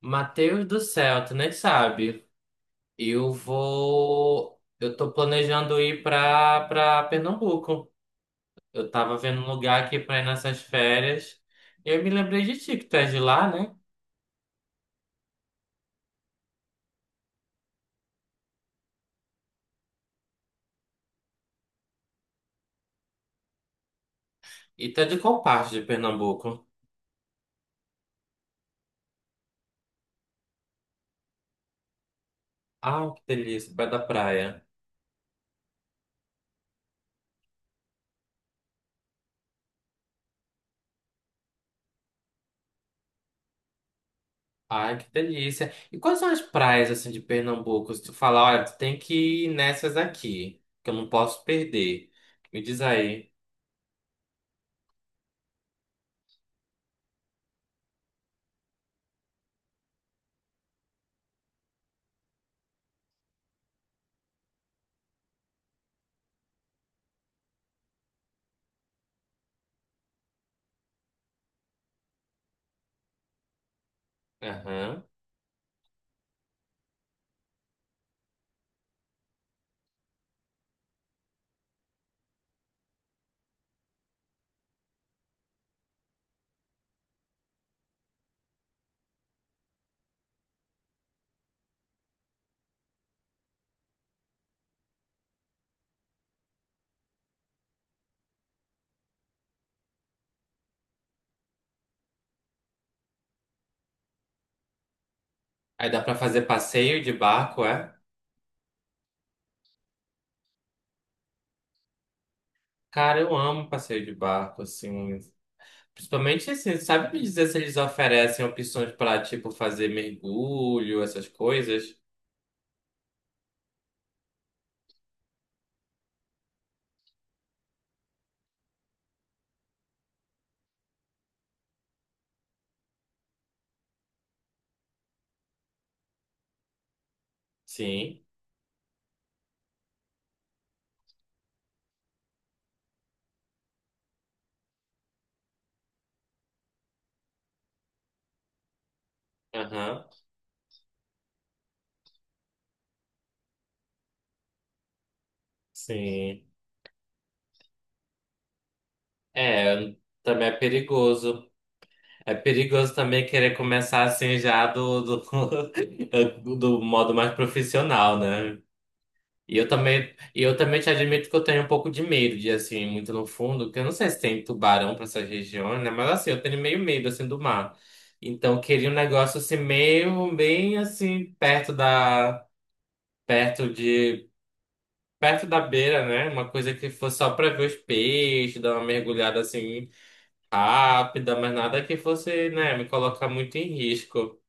Mateus do céu, tu nem sabe. Eu vou. Eu tô planejando ir pra Pernambuco. Eu tava vendo um lugar aqui pra ir nessas férias. E eu me lembrei de ti, que tu é de lá, né? E tu é de qual parte de Pernambuco? Ah, que delícia, perto da praia. Ai, que delícia. E quais são as praias, assim, de Pernambuco? Se tu falar, olha, tu tem que ir nessas aqui, que eu não posso perder. Me diz aí. Aham. Aí dá pra fazer passeio de barco, é? Cara, eu amo passeio de barco, assim. Principalmente assim, sabe me dizer se eles oferecem opções para, tipo, fazer mergulho, essas coisas? Sim. Aham. Sim. É, também é perigoso. É perigoso também querer começar assim já do do modo mais profissional, né? E eu também te admito que eu tenho um pouco de medo de assim, ir muito no fundo, porque eu não sei se tem tubarão para essas regiões, né? Mas assim, eu tenho meio medo assim do mar. Então, eu queria um negócio assim meio bem assim perto de perto da beira, né? Uma coisa que fosse só para ver os peixes, dar uma mergulhada assim rápida, mas nada que fosse, né, me colocar muito em risco.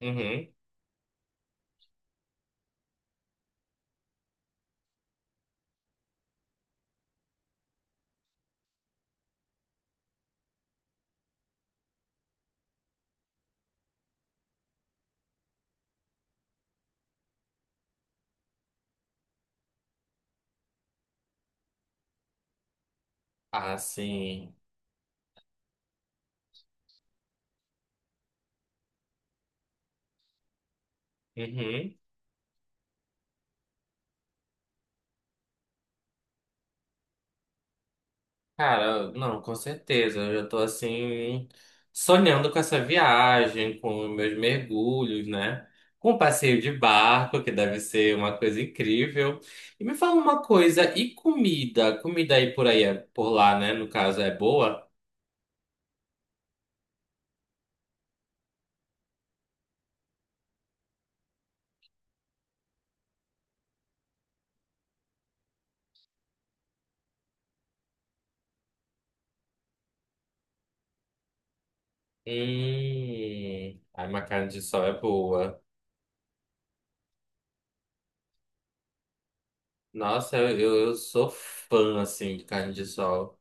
Uhum. Assim. Uhum. Cara, não, com certeza. Eu já tô assim sonhando com essa viagem, com meus mergulhos, né? Com o passeio de barco, que deve ser uma coisa incrível. E me fala uma coisa, e comida? Comida aí por aí, por lá, né? No caso, é boa? Ai, uma carne de sol é boa. Nossa, eu sou fã, assim, de carne de sol.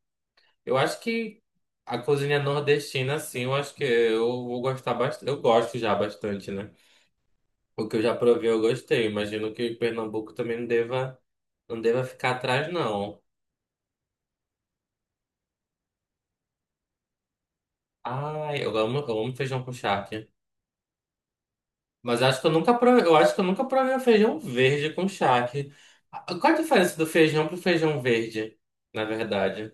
Eu acho que a cozinha nordestina, assim, eu acho que eu vou gostar bastante. Eu gosto já bastante, né? O que eu já provei, eu gostei. Imagino que Pernambuco também não deva ficar atrás, não. Ai, eu amo feijão com charque. Mas acho que eu nunca provei, eu acho que eu nunca provei o feijão verde com charque. Ah, qual a diferença do feijão pro feijão verde, na verdade?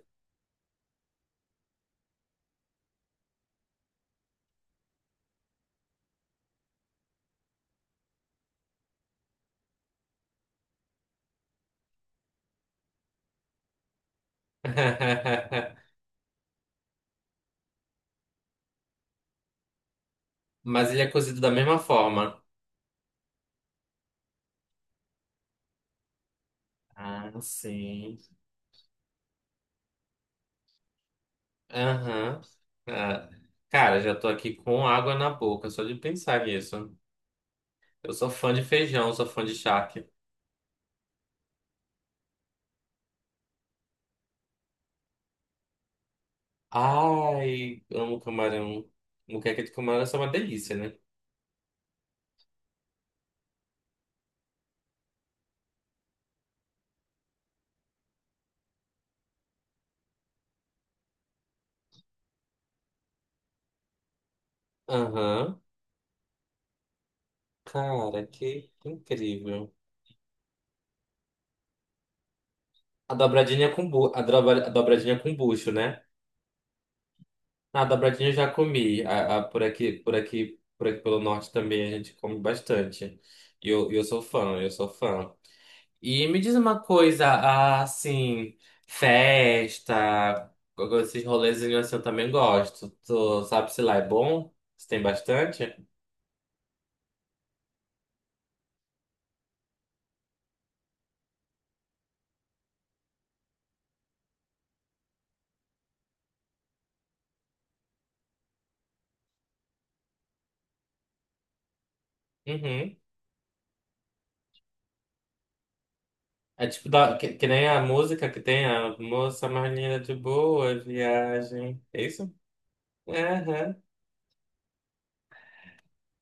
Mas ele é cozido da mesma forma. Ah, sim. Aham. Ah, cara, já tô aqui com água na boca, só de pensar nisso. Eu sou fã de feijão, sou fã de charque. Ai, amo camarão. Moqueca de camarão é uma delícia, né? Aham. Cara, que incrível. A dobradinha com a dobradinha com bucho, né? Ah, a dobradinha eu já comi. Por aqui, por aqui pelo norte também a gente come bastante. E eu sou fã, eu sou fã. E me diz uma coisa, ah, assim, festa, esses rolezinhos assim eu também gosto. Tu sabe se lá é bom? Se tem bastante? Uhum. É tipo, que nem a música que tem a moça mais linda de Boa Viagem. É isso? Aham.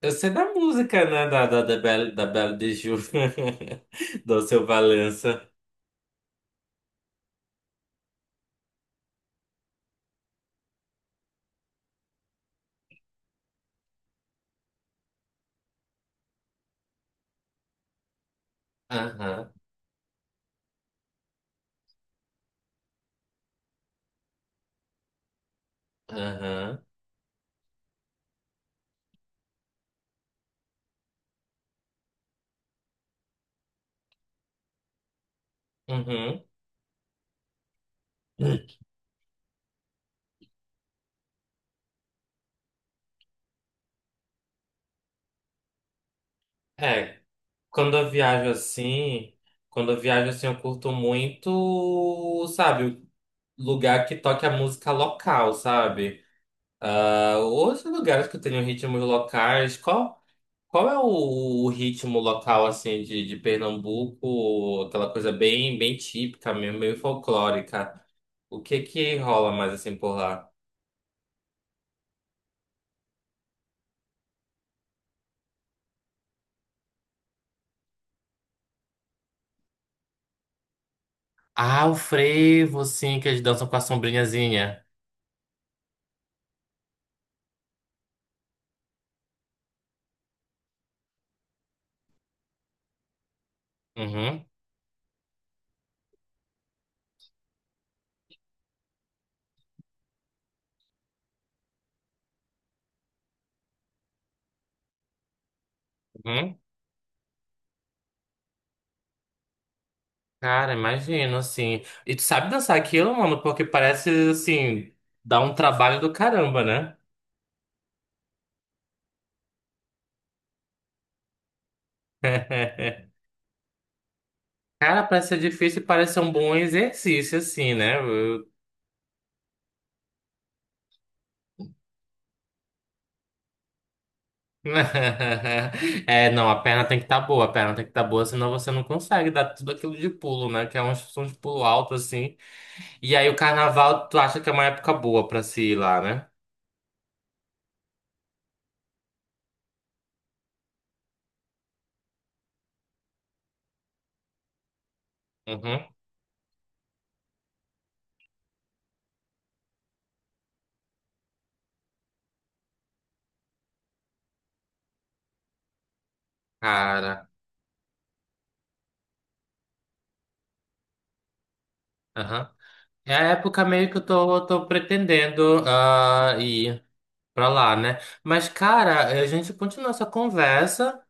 Eu sei da música, né? Da Belle, da Belle de Ju, do seu Valença. Aham, aham, uhum. É, quando eu viajo assim, quando eu viajo assim, eu curto muito, sabe, lugar que toque a música local, sabe? Ah, outros lugares que tenham ritmos locais. Qual? Qual é o ritmo local, assim, de Pernambuco? Aquela coisa bem, bem típica mesmo, meio folclórica. O que que rola mais, assim, por lá? Ah, o frevo, sim, que eles dançam com a sombrinhazinha. Uhum, uhum. Cara, imagino, assim. E tu sabe dançar aquilo, mano? Porque parece, assim, dá um trabalho do caramba, né? Cara, parece ser difícil e parece ser um bom exercício, assim, né? É, não, a perna tem que estar boa, a perna tem que estar boa, senão você não consegue dar tudo aquilo de pulo, né? Que é uma instrução de pulo alto, assim. E aí o carnaval, tu acha que é uma época boa pra se ir lá, né? Uhum. Cara, aham. É a época meio que tô pretendendo ah, ir pra lá, né? Mas, cara, a gente continua essa conversa.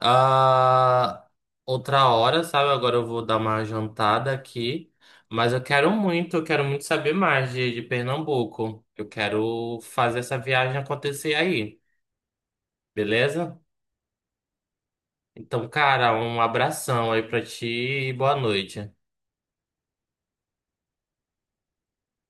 Ah, outra hora, sabe? Agora eu vou dar uma jantada aqui. Mas eu quero muito saber mais de Pernambuco. Eu quero fazer essa viagem acontecer aí, beleza? Então, cara, um abração aí pra ti e boa noite.